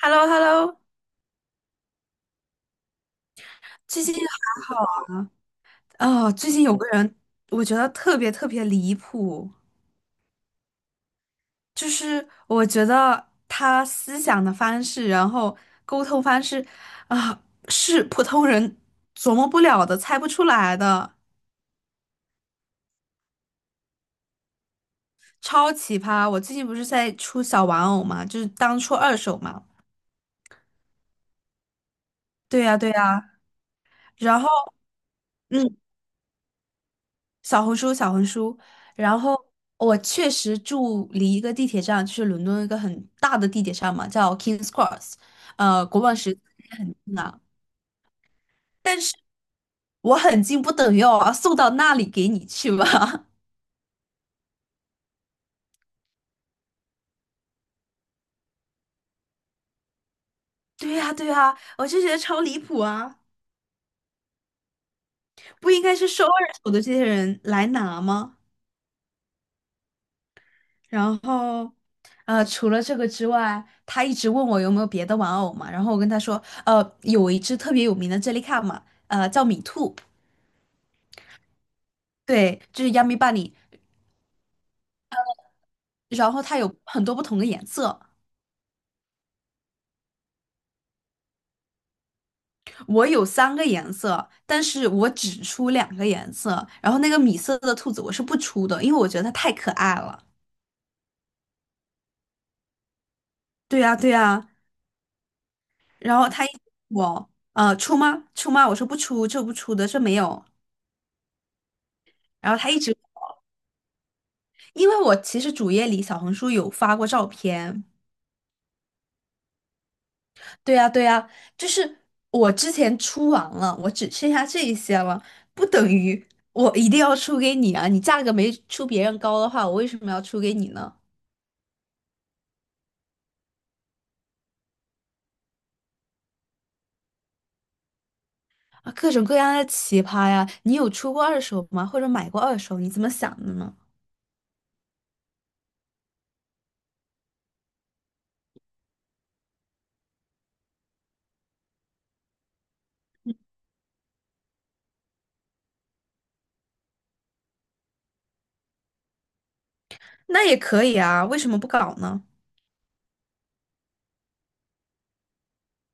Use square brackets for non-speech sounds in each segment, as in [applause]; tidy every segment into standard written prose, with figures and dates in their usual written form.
h e l l o h e l l o 最近还好哦。最近有个人，我觉得特别特别离谱，就是我觉得他思想的方式，然后沟通方式啊，是普通人琢磨不了的，猜不出来的，超奇葩。我最近不是在出小玩偶嘛，就是当出二手嘛。对呀，对呀。然后，嗯，小红书，小红书。然后我确实住离一个地铁站，就是伦敦一个很大的地铁站嘛，叫 King's Cross，国王十字也很近啊。但是我很近，不等于我要送到那里给你去吧？[laughs] 对呀，对呀，我就觉得超离谱啊！不应该是收二手的这些人来拿吗？然后，除了这个之外，他一直问我有没有别的玩偶嘛，然后我跟他说，有一只特别有名的 Jellycat 嘛，叫米兔，对，就是 Yummy Bunny，然后它有很多不同的颜色，我有3个颜色，但是我只出2个颜色，然后那个米色的兔子我是不出的，因为我觉得它太可爱了。对呀，对呀，然后他一直我出吗？出吗？我说不出，这不出的，这没有。然后他一直，因为我其实主页里小红书有发过照片，对呀，对呀，就是我之前出完了，我只剩下这一些了，不等于我一定要出给你啊！你价格没出别人高的话，我为什么要出给你呢？啊，各种各样的奇葩呀！你有出过二手吗？或者买过二手？你怎么想的呢？那也可以啊，为什么不搞呢？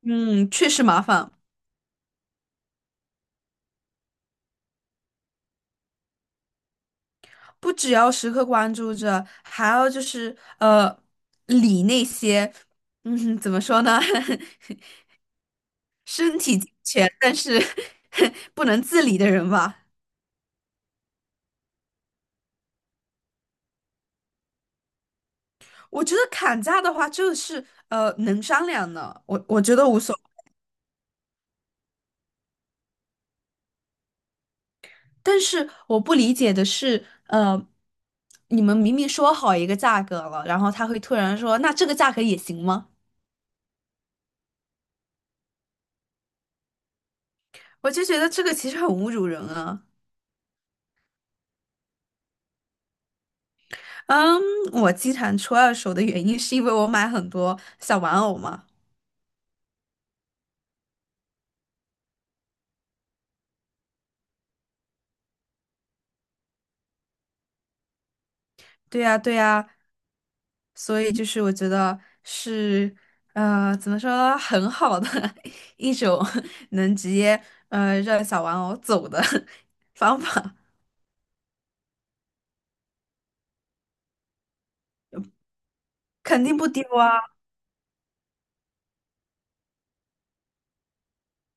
嗯，确实麻烦，不只要时刻关注着，还要就是理那些，怎么说呢？[laughs] 身体健全，但是 [laughs] 不能自理的人吧。我觉得砍价的话，就是能商量的，我觉得无所谓。但是我不理解的是，你们明明说好一个价格了，然后他会突然说，那这个价格也行吗？我就觉得这个其实很侮辱人啊。嗯，我经常出二手的原因是因为我买很多小玩偶嘛。对呀，对呀，所以就是我觉得是怎么说，很好的 [laughs] 一种能直接让小玩偶走的 [laughs] 方法，肯定不丢啊，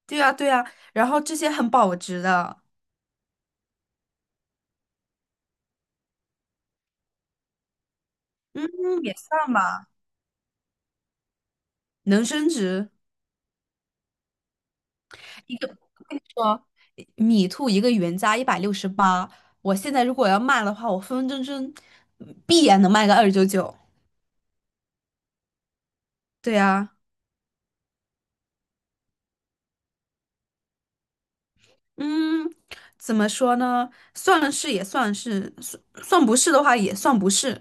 对啊对啊，然后这些很保值的，嗯，也算吧，能升值一个，我跟你说，米兔一个原价168，我现在如果要卖的话，我分分钟钟必然能卖个299，对啊。嗯，怎么说呢？算是也算是，算算不是的话也算不是。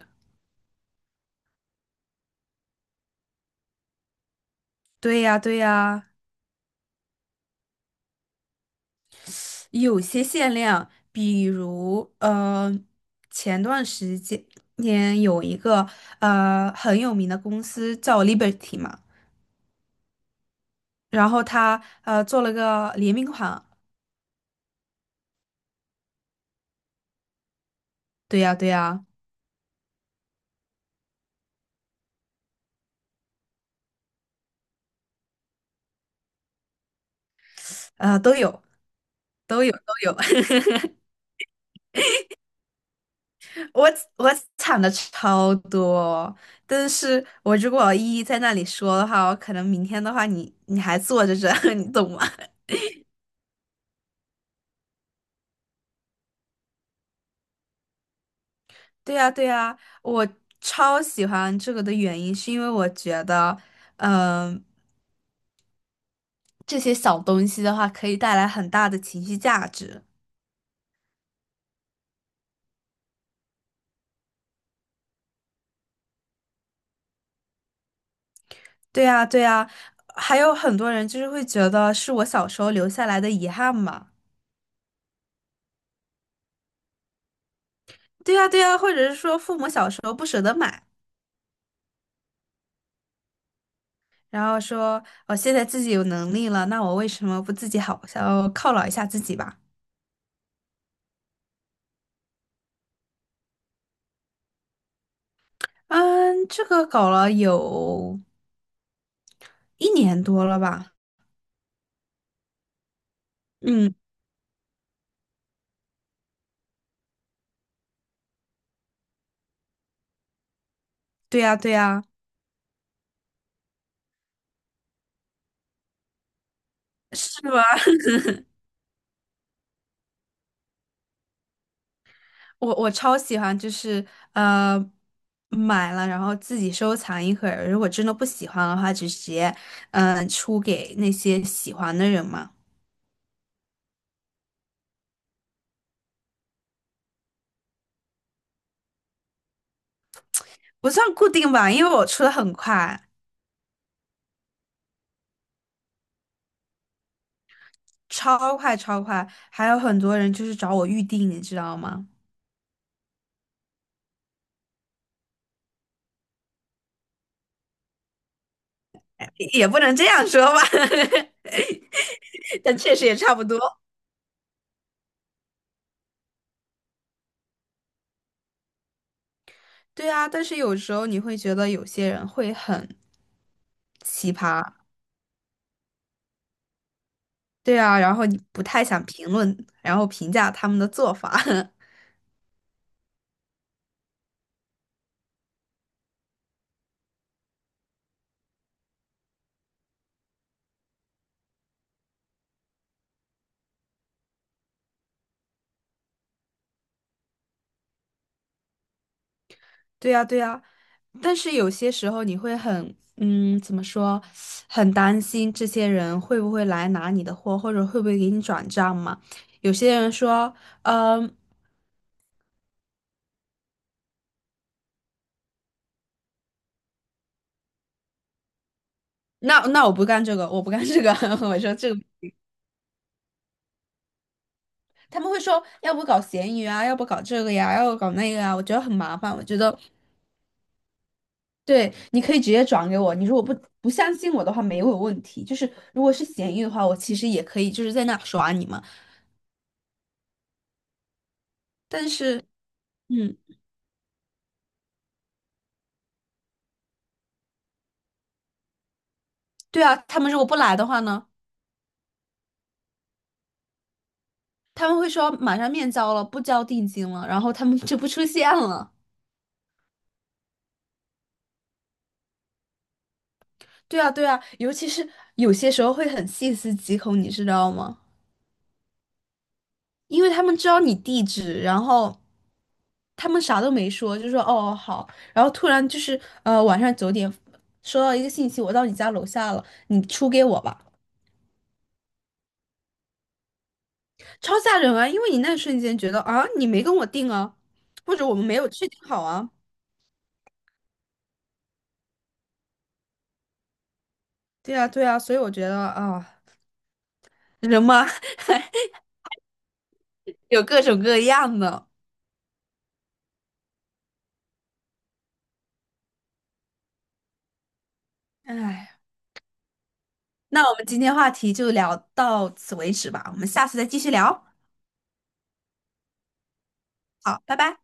对呀，对呀，有些限量，比如前段时间年有一个很有名的公司叫 Liberty 嘛，然后他做了个联名款。对呀，对呀，都有，都有，都有。我我抢的超多，但是我如果一一在那里说的话，我可能明天的话你还坐着这，[laughs] 你懂吗？[laughs] 对呀，对呀，我超喜欢这个的原因是因为我觉得，嗯、这些小东西的话可以带来很大的情绪价值。对呀，对呀，还有很多人就是会觉得是我小时候留下来的遗憾嘛。对呀，对呀，或者是说父母小时候不舍得买。然后说我现在自己有能力了，那我为什么不自己好好犒劳一下自己吧？嗯，这个搞了有1年多了吧？嗯，对呀，对呀，是吗？[laughs] 我超喜欢，就是呃买了，然后自己收藏一会儿，如果真的不喜欢的话，就直接出给那些喜欢的人嘛。不算固定吧，因为我出的很快，超快超快，还有很多人就是找我预定，你知道吗？也不能这样说吧，[laughs] 但确实也差不多。对啊，但是有时候你会觉得有些人会很奇葩，对啊，然后你不太想评论，然后评价他们的做法。[laughs] 对啊，对啊，但是有些时候你会很，怎么说，很担心这些人会不会来拿你的货，或者会不会给你转账嘛？有些人说，嗯、那我不干这个，我不干这个，[laughs] 我说这个他们会说，要不搞闲鱼啊，要不搞这个呀，要不搞那个啊，我觉得很麻烦。我觉得，对，你可以直接转给我。你如果不相信我的话，没有问题。就是如果是闲鱼的话，我其实也可以就是在那耍你嘛。但是，嗯，对啊，他们如果不来的话呢，他们会说马上面交了，不交定金了，然后他们就不出现了。对啊，对啊，尤其是有些时候会很细思极恐，你知道吗？因为他们知道你地址，然后他们啥都没说，就说哦好，然后突然就是晚上9点收到一个信息，我到你家楼下了，你出给我吧，超吓人啊！因为你那瞬间觉得啊你没跟我定啊，或者我们没有确定好啊，对啊对啊，所以我觉得啊人嘛 [laughs] 有各种各样的，唉，那我们今天话题就聊到此为止吧，我们下次再继续聊，好，拜拜。